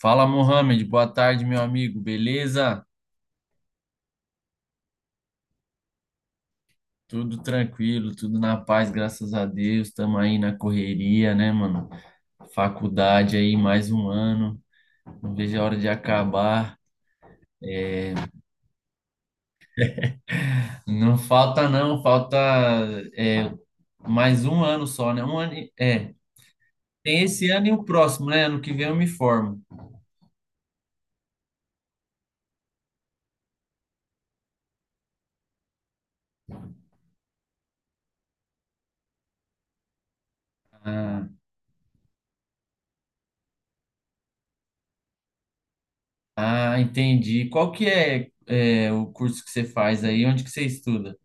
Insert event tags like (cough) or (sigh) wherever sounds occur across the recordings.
Fala, Mohamed. Boa tarde, meu amigo. Beleza? Tudo tranquilo, tudo na paz, graças a Deus. Estamos aí na correria, né, mano? Faculdade aí, mais um ano. Não vejo a hora de acabar. É, Não falta, não. Falta é, mais um ano só, né? Tem esse ano e o próximo, né? Ano que vem eu me formo. Ah, Entendi. Qual é o curso que você faz aí? Onde que você estuda?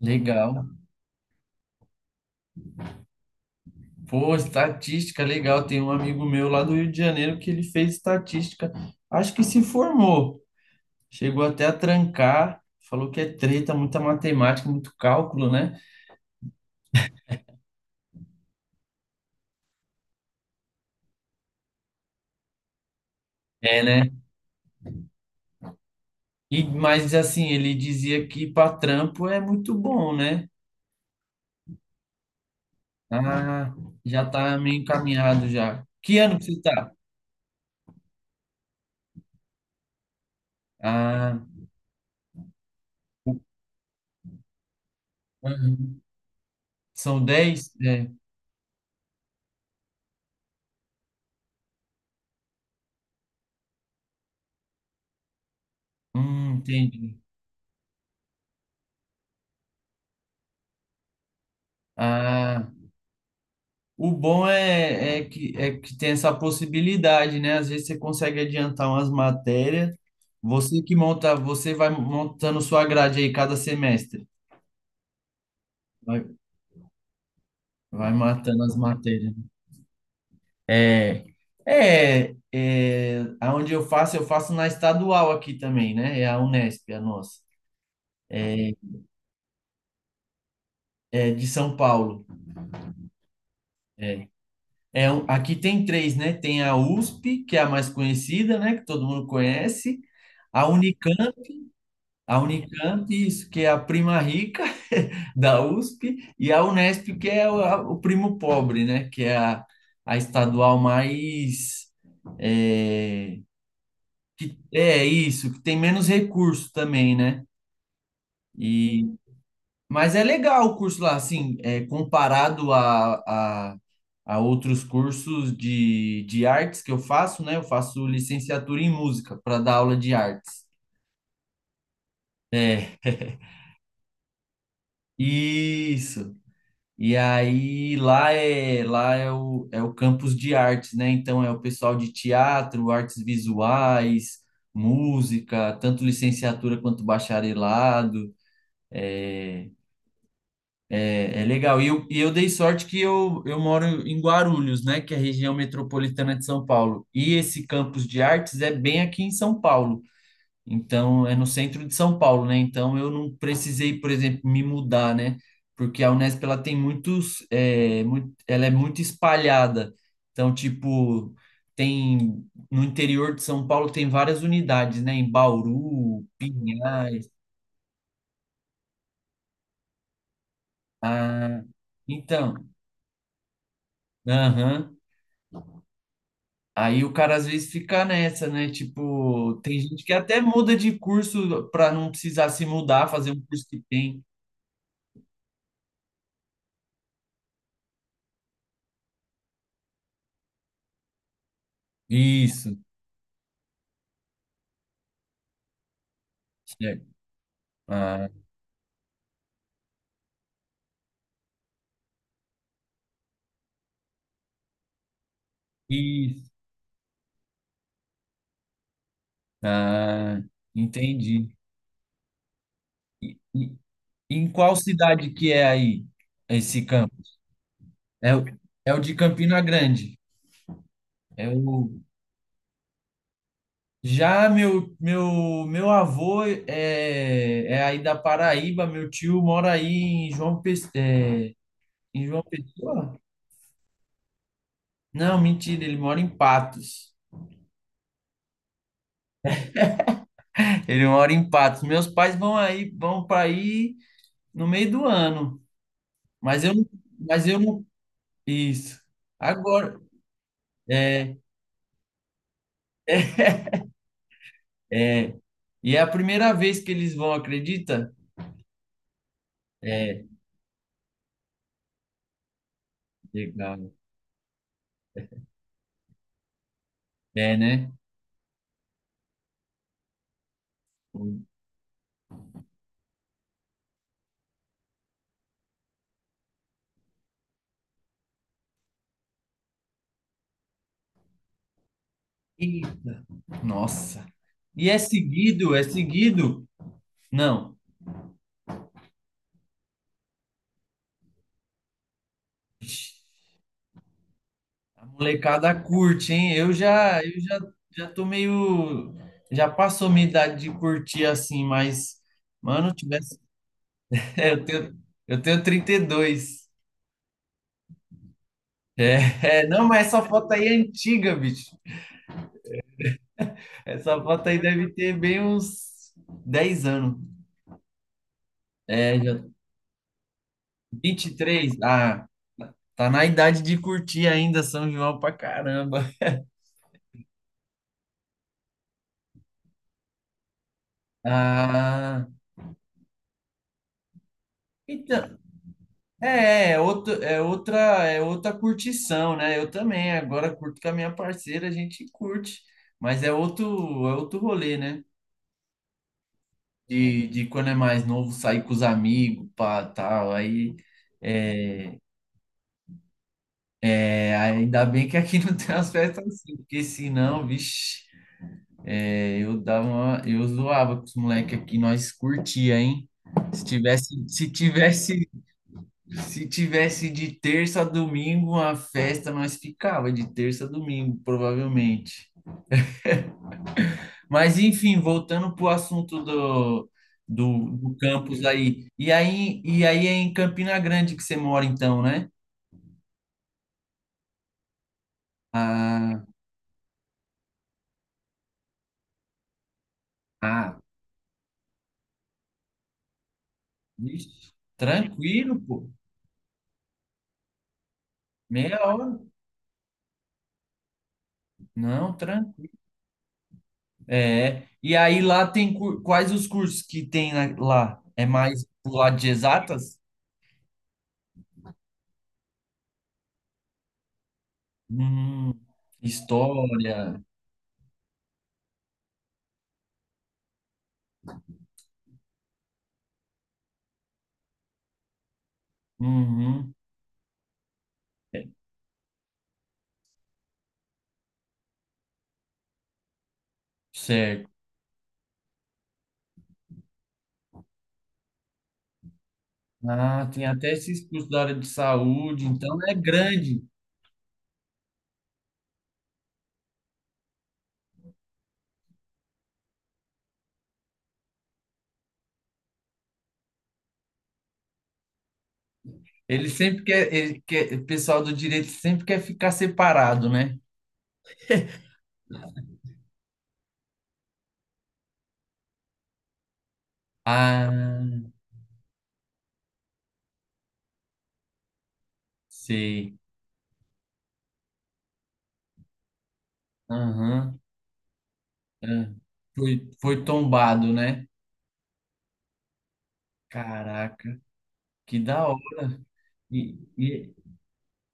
Legal. Pô, estatística, legal. Tem um amigo meu lá do Rio de Janeiro que ele fez estatística. Acho que se formou. Chegou até a trancar. Falou que é treta, muita matemática, muito cálculo, né? É, né? Mas assim, ele dizia que para trampo é muito bom, né? Ah, já tá meio encaminhado já. Que ano que você tá? Ah, uhum. São dez. É. Entendi. Ah, o bom é, é que tem essa possibilidade, né? Às vezes você consegue adiantar umas matérias. Você que monta, você vai montando sua grade aí cada semestre. Vai, vai matando as matérias. É, Aonde eu faço na estadual aqui também, né? É a Unesp, a nossa. É, é de São Paulo. É, Aqui tem três, né? Tem a USP, que é a mais conhecida, né? Que todo mundo conhece. A Unicamp, A Unicamp, isso, que é a prima rica (laughs) da USP, e a Unesp, que o primo pobre, né? A estadual mais. É, é isso, que tem menos recurso também, né? E, mas é legal o curso lá, assim, é, comparado a, a, a outros cursos de artes que eu faço, né? Eu faço licenciatura em música para dar aula de artes. É, isso. E aí lá é o campus de artes, né? Então é o pessoal de teatro, artes visuais, música, tanto licenciatura quanto bacharelado. É, é legal. E eu dei sorte que eu moro em Guarulhos, né? Que é a região metropolitana de São Paulo. E esse campus de artes é bem aqui em São Paulo. Então, é no centro de São Paulo, né? Então, eu não precisei, por exemplo, me mudar, né? Porque a Unesp, ela tem ela é muito espalhada. Então, tipo, tem, no interior de São Paulo tem várias unidades, né? Em Bauru, Pinhais, ah, então, aham. Aí o cara às vezes fica nessa, né? Tipo, tem gente que até muda de curso para não precisar se mudar, fazer um curso que tem. Isso, certo. Ah, E, ah, entendi. E, em qual cidade que é aí esse campo? É, o- É o de Campina Grande. É o, Já, meu avô é, é aí da Paraíba, meu tio mora aí em João Pessoa? Não, mentira, ele mora em Patos. Ele mora em Patos. Meus pais vão aí, vão para aí no meio do ano. Mas eu, não- mas eu não. Isso. Agora. é, É, e é a primeira vez que eles vão, acredita? É, legal. É, né? Eita, nossa. E é seguido, é seguido? Não, a molecada curte, hein? Já tô meio, já passou minha idade de curtir assim, mas, mano, (laughs) é, eu tenho, eu tenho 32. Não, mas essa foto aí é antiga, bicho. Essa foto aí deve ter bem uns 10 anos. É, já 23. Ah, tá na idade de curtir ainda São João pra caramba. Ah, então, é, é, outro, é outra, é outra curtição, né? Eu também, agora curto com a minha parceira, a gente curte, mas é outro rolê, né? De quando é mais novo, sair com os amigos, pá, tal, aí, ainda bem que aqui (laughs) não tem as festas assim, porque senão, vixe. Eu zoava com os moleques aqui, nós curtia, hein? Se tivesse, se tivesse, Se tivesse de terça a domingo uma festa, nós ficava de terça a domingo, provavelmente. Mas enfim, voltando pro assunto do, do campus aí. E aí é em Campina Grande que você mora então, né? Ah, ah, vixe, tranquilo, pô. Meia hora. Não, tranquilo. É, e aí lá tem cur- quais os cursos que tem na- lá? É mais pro lado de exatas? Hum, história. Uhum, certo. Ah, tem até esses cursos da área de saúde, então é grande. Ele quer, o pessoal do direito sempre quer ficar separado, né? Ah, sei. Aham. É. Foi, foi tombado, né? Caraca, que da hora. E, e-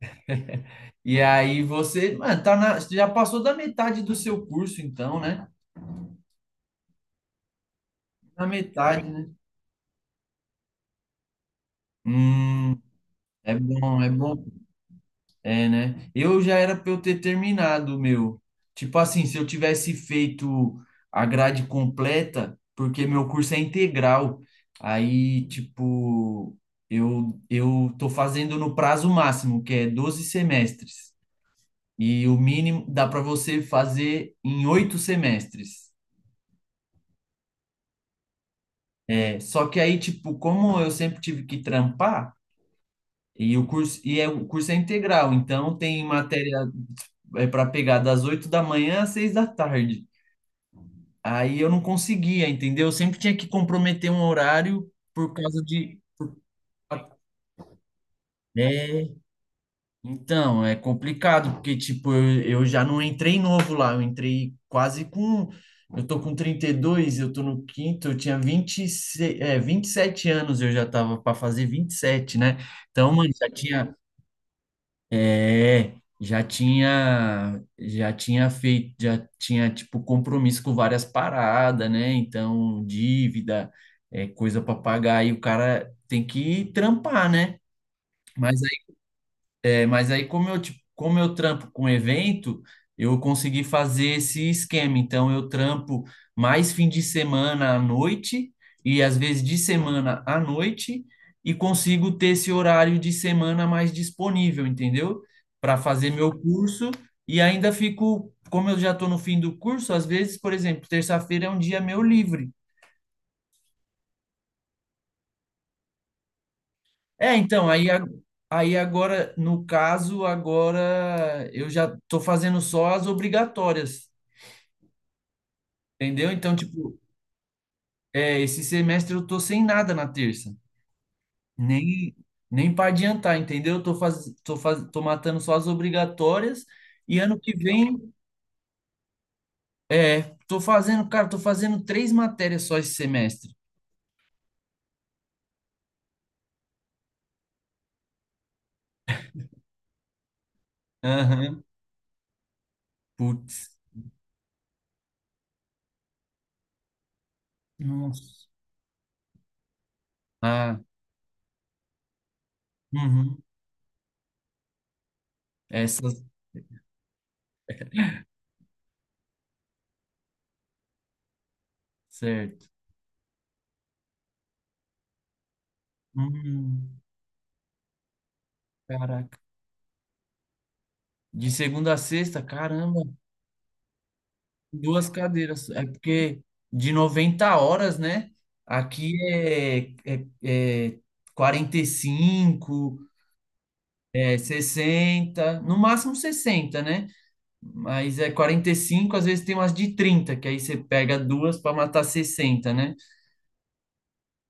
(laughs) E aí você, mano, tá na, você já passou da metade do seu curso, então, né? Na metade, né? Hum, é bom, é bom. É, né? Eu já era pra eu ter terminado o meu. Tipo assim, se eu tivesse feito a grade completa, porque meu curso é integral. Aí, tipo, eu tô fazendo no prazo máximo, que é 12 semestres. E o mínimo dá pra você fazer em 8 semestres. É. Só que aí, tipo, como eu sempre tive que trampar, e o curso, o curso é integral, então tem matéria para pegar das 8 da manhã às 6 da tarde. Aí eu não conseguia, entendeu? Eu sempre tinha que comprometer um horário por causa de. é, Então, é complicado, porque, tipo, eu já não entrei novo lá, eu entrei quase com. Eu tô com 32, eu tô no quinto, eu tinha 26, 27 anos, eu já tava para fazer 27, né? Então, mano, já tinha. É, já tinha. Já tinha feito, já tinha, tipo, compromisso com várias paradas, né? Então, dívida, coisa para pagar, e o cara tem que trampar, né? Mas Mas aí, como eu trampo com evento, eu consegui fazer esse esquema. Então, eu trampo mais fim de semana à noite e às vezes de semana à noite e consigo ter esse horário de semana mais disponível, entendeu? Para fazer meu curso e ainda fico, como eu já estou no fim do curso, às vezes, por exemplo, terça-feira é um dia meu livre. É, então, aí, a- Aí agora, no caso, agora eu já estou fazendo só as obrigatórias. Entendeu? Então, tipo, é, esse semestre eu tô sem nada na terça. Nem, Nem para adiantar, entendeu? Eu tô, faz, tô, faz, tô matando só as obrigatórias e ano que vem, é, tô fazendo, cara, tô fazendo três matérias só esse semestre. Aham. Putz. Nossa. Ah, uhum. Essas, certo. Hum, caraca. De segunda a sexta, caramba. Duas cadeiras. É porque de 90 horas, né? Aqui é, é, é 45, é 60, no máximo 60, né? Mas é 45, às vezes tem umas de 30 que aí você pega duas para matar 60, né?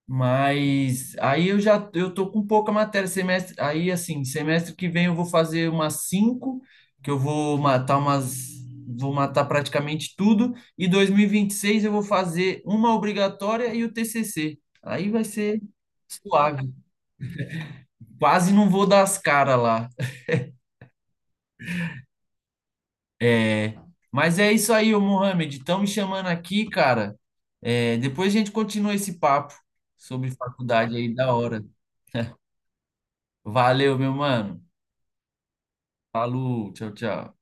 Mas aí eu já eu tô com pouca matéria semestre, aí assim, semestre que vem eu vou fazer umas cinco, que eu vou matar umas vou matar praticamente tudo e 2026 eu vou fazer uma obrigatória e o TCC. Aí vai ser suave. Quase não vou dar as caras lá. É. Mas é isso aí, ô Mohamed, estão me chamando aqui, cara. É, depois a gente continua esse papo sobre faculdade aí da hora. Valeu, meu mano. Falou, tchau, tchau.